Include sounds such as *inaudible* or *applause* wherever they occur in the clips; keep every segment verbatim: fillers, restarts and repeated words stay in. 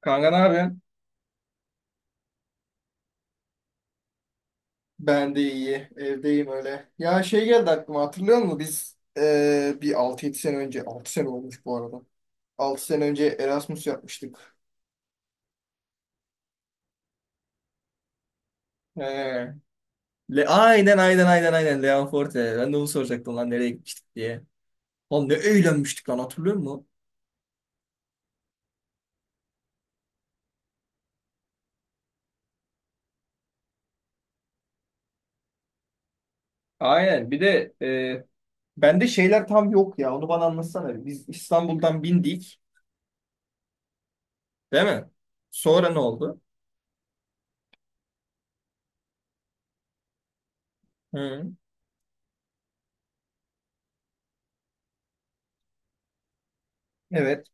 Kanka ne yapıyorsun? Ben de iyi. Evdeyim öyle. Ya şey geldi aklıma hatırlıyor musun? Biz eee, bir altı yedi sene önce altı sene olmuş bu arada. Altı sene önce Erasmus yapmıştık. He. Le aynen aynen aynen aynen Leon Forte. Ben de onu soracaktım lan nereye gitmiştik diye. Oğlum ne eğlenmiştik lan hatırlıyor musun? Aynen. Bir de eee bende şeyler tam yok ya. Onu bana anlatsana. Biz İstanbul'dan bindik. Değil mi? Sonra ne oldu? Hı. Evet.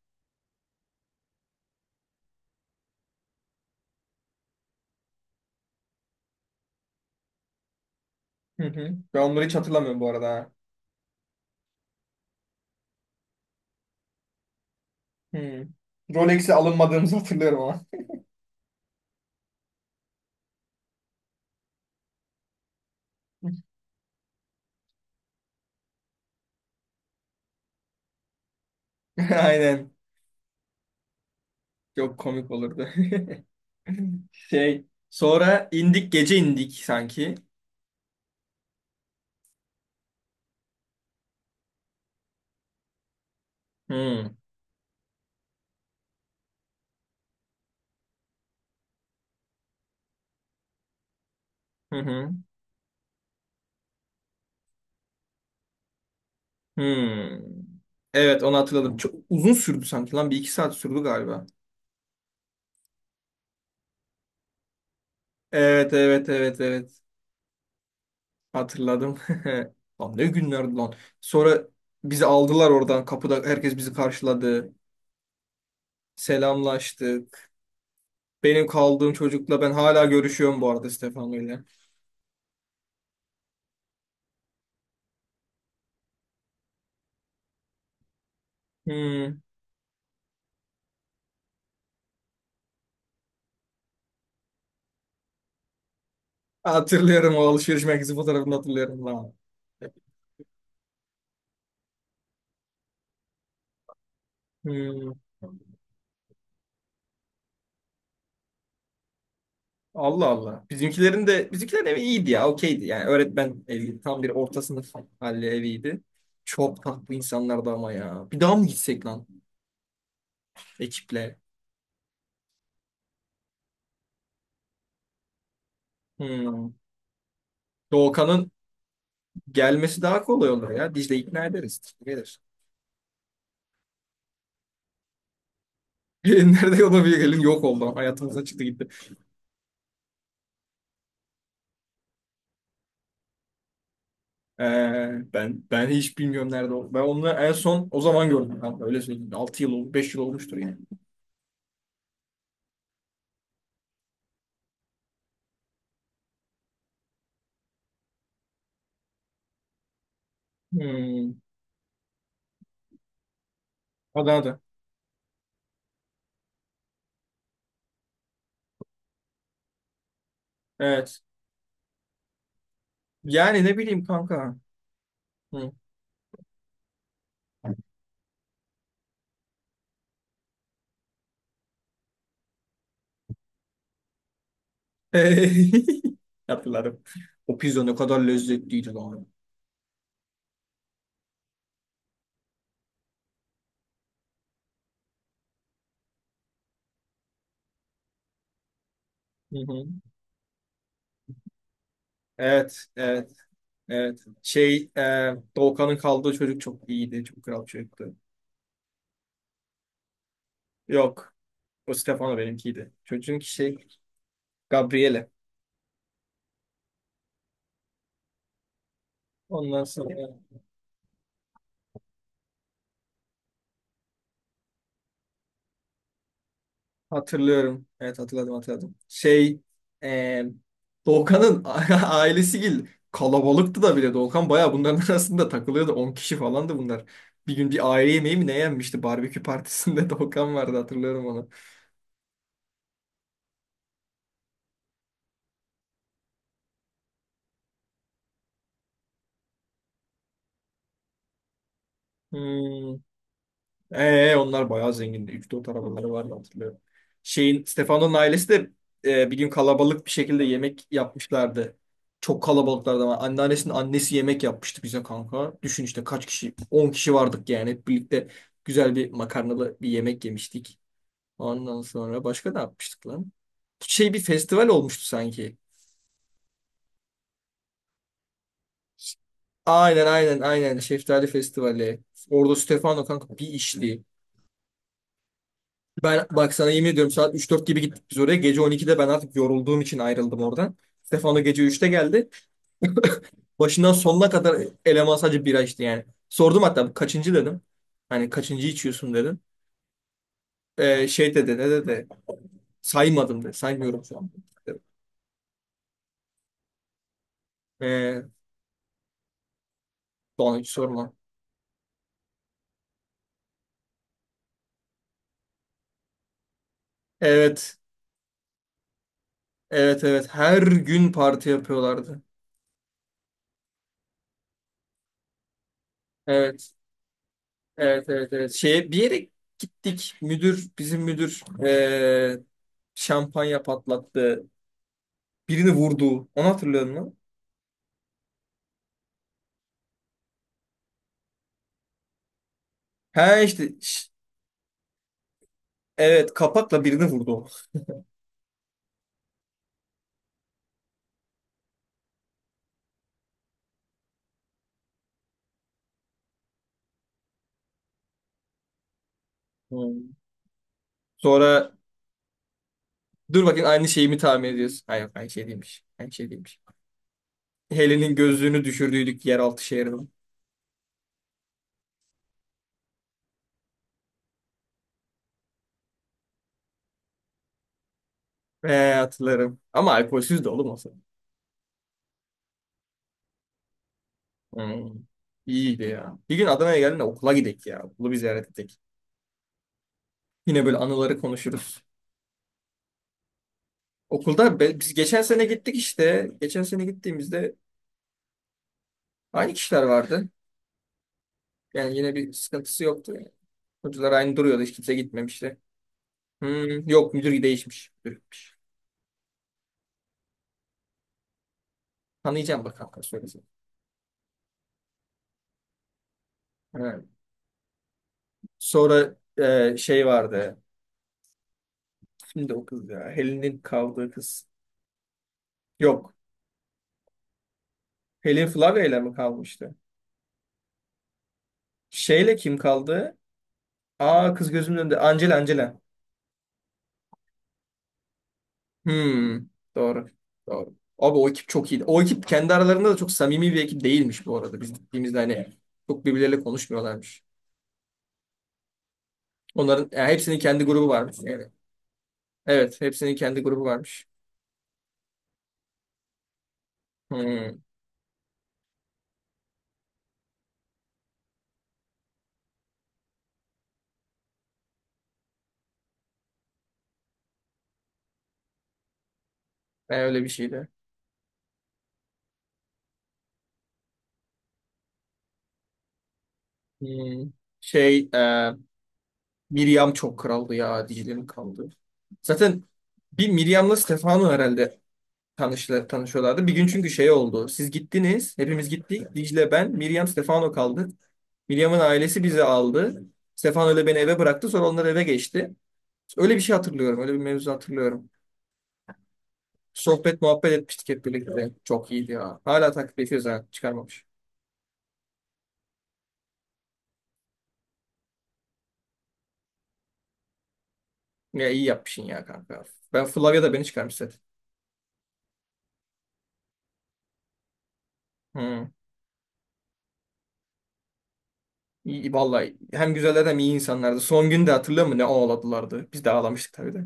Hı hı. Ben onları hiç hatırlamıyorum bu arada. Hmm. Rolex'e alınmadığımızı hatırlıyorum ama. *laughs* Aynen. Çok komik olurdu. *laughs* Şey, sonra indik gece indik sanki. Hmm. Hı hı. Hmm. Evet onu hatırladım. Çok uzun sürdü sanki lan. Bir iki saat sürdü galiba. Evet evet evet evet. Hatırladım. *laughs* Lan ne günlerdi lan. Sonra bizi aldılar oradan. Kapıda herkes bizi karşıladı. Selamlaştık. Benim kaldığım çocukla ben hala görüşüyorum bu arada Stefano ile. Hmm. Hatırlıyorum o alışveriş merkezi fotoğrafını hatırlıyorum lan. Hmm, Allah Allah. Bizimkilerin de bizimkilerin evi iyiydi ya, okeydi. Yani öğretmen evi tam bir orta sınıf halli eviydi. Çok tatlı insanlardı ama ya. Bir daha mı gitsek lan ekiple? Hmm. Doğukan'ın gelmesi daha kolay olur ya. Dicle ikna ederiz. Gelir. *laughs* Nerede o da bir gelin yok oldu. Hayatımıza çıktı gitti. Ee, ben ben hiç bilmiyorum nerede o. Ben onu en son o zaman gördüm. Ben öyle söyleyeyim. Altı yıl oldu, beş yıl olmuştur yani. Hmm. Adı adı. Evet. Yani ne bileyim kanka. Hı. *laughs* Hatırladım. O pizza ne kadar lezzetliydi lan. Hı hı. Evet, evet, evet. Şey, e, Doğukan'ın kaldığı çocuk çok iyiydi. Çok kral çocuktu. Yok. O Stefano benimkiydi. Çocuğun ki şey, Gabriele. Ondan sonra. Hatırlıyorum. Evet hatırladım hatırladım. Şey e, Doğukan'ın *laughs* ailesi gil kalabalıktı da bile Doğukan bayağı bunların *laughs* arasında takılıyordu. On kişi falandı bunlar. Bir gün bir aile yemeği mi ne yenmişti? Barbekü partisinde *laughs* Doğukan vardı hatırlıyorum onu. Hmm. Ee, onlar bayağı zengindi. üç dört arabaları vardı hatırlıyorum. Şeyin Stefano'nun ailesi de e, bir gün kalabalık bir şekilde yemek yapmışlardı. Çok kalabalıklardı ama anneannesinin annesi yemek yapmıştı bize kanka. Düşün işte kaç kişi? On kişi vardık yani. Hep birlikte güzel bir makarnalı bir yemek yemiştik. Ondan sonra başka ne yapmıştık lan? Şey bir festival olmuştu sanki. Aynen aynen aynen Şeftali Festivali. Orada Stefano kanka bir işli. Ben bak sana yemin ediyorum saat üç dört gibi gittik biz oraya. Gece on ikide ben artık yorulduğum için ayrıldım oradan. Stefano gece üçte geldi. Başından sonuna kadar eleman sadece bira içti yani. Sordum hatta kaçıncı dedim. Hani kaçıncı içiyorsun dedim. Ee, şey dedi ne dedi. Saymadım dedi. Saymıyorum şu an. Ee, bana hiç sorma. Evet. Evet evet. Her gün parti yapıyorlardı. Evet. Evet evet evet. Şeye, bir yere gittik. Müdür bizim müdür ee, şampanya patlattı. Birini vurdu. Onu hatırlıyor musun? He işte ş- evet kapakla birini vurdu. Hmm. Sonra dur bakayım aynı şeyi mi tahmin ediyorsun? Hayır aynı şey değilmiş. Aynı şey değilmiş. Helen'in gözlüğünü düşürdüydük yeraltı şehrine. Ee, hatırlarım. Ama alkolsüz de oğlum o zaman. Hmm. İyiydi ya. Bir gün Adana'ya geldiğinde okula gidelim ya. Okulu bir ziyaret edelim. Yine böyle anıları konuşuruz. Okulda be- biz geçen sene gittik işte. Geçen sene gittiğimizde aynı kişiler vardı. Yani yine bir sıkıntısı yoktu. Yani. Hocalar aynı duruyordu. Hiç kimse gitmemişti. Hmm, yok müdür değişmiş. Müdür gitmiş. Tanıyacağım bakalım. Söylesin. Evet. Sonra e, şey vardı. Şimdi o kız ya. Helen'in kaldığı kız. Yok. Helen Flavia'yla mı kalmıştı? Şeyle kim kaldı? Aa kız gözümün önünde. Angela Angela. Hmm, doğru. Doğru. Abi o ekip çok iyiydi. O ekip kendi aralarında da çok samimi bir ekip değilmiş bu arada. Biz gittiğimizde hani çok birbirleriyle konuşmuyorlarmış. Onların yani hepsinin kendi grubu varmış. Evet. Evet, hepsinin kendi grubu varmış. Hmm, ben öyle bir şeydi. Hmm, şey, e, Miriam çok kraldı ya, Dicle'nin kraldı. Zaten bir Miriam'la Stefano herhalde tanıştılar, tanışıyorlardı. Bir gün çünkü şey oldu. Siz gittiniz, hepimiz gittik. Dicle, ben, Miriam, Stefano kaldı. William'ın ailesi bizi aldı. Stefano ile beni eve bıraktı. Sonra onlar eve geçti. Öyle bir şey hatırlıyorum. Öyle bir mevzu hatırlıyorum. Sohbet muhabbet etmiştik hep birlikte. Çok iyiydi ya. Hala takip ediyoruz ha. Çıkarmamış. Ya iyi yapmışsın ya kanka. Ben Flavia da beni çıkarmış zaten. Hı. İyi, vallahi hem güzeller hem iyi insanlardı. Son gün de hatırlıyor musun ne ağladılardı? Biz de ağlamıştık tabii de.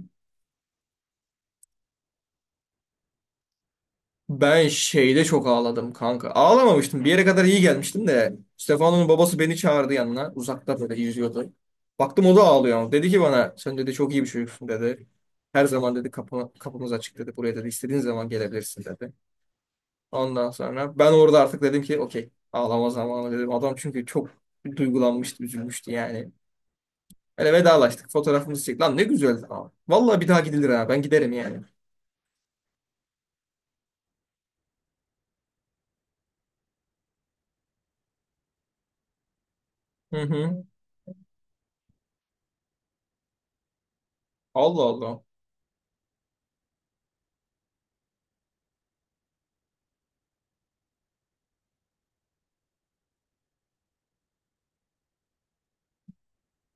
Ben şeyde çok ağladım kanka. Ağlamamıştım. Bir yere kadar iyi gelmiştim de. Stefano'nun babası beni çağırdı yanına. Uzakta böyle yüzüyordu. Baktım o da ağlıyor. Dedi ki bana sen dedi çok iyi bir çocuksun dedi. Her zaman dedi kapı, kapımız açık dedi. Buraya dedi istediğin zaman gelebilirsin dedi. Ondan sonra ben orada artık dedim ki okey ağlama zamanı dedim. Adam çünkü çok duygulanmıştı, üzülmüştü yani. Öyle vedalaştık. Fotoğrafımızı çektik. Lan ne güzeldi abi. Vallahi bir daha gidilir ha. Ben giderim yani. Hı hı. Allah Allah.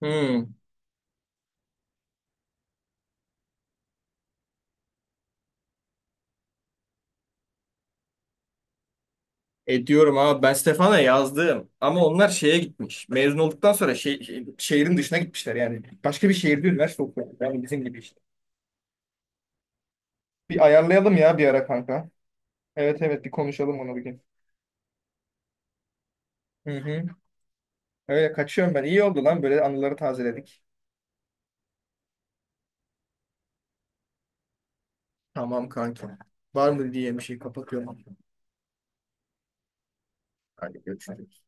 Hı. E diyorum abi ben Stefan'a yazdım ama onlar şeye gitmiş. Mezun olduktan sonra şey, şey- şehrin dışına gitmişler yani. Başka bir şehirde üniversite okuyor. Yani bizim gibi işte. Bir ayarlayalım ya bir ara kanka. Evet evet bir konuşalım onu bir gün. Hı hı. Öyle kaçıyorum ben. İyi oldu lan böyle anıları tazeledik. Tamam kanka. Var mı diye bir şey kapatıyorum. Hadi görüşürüz.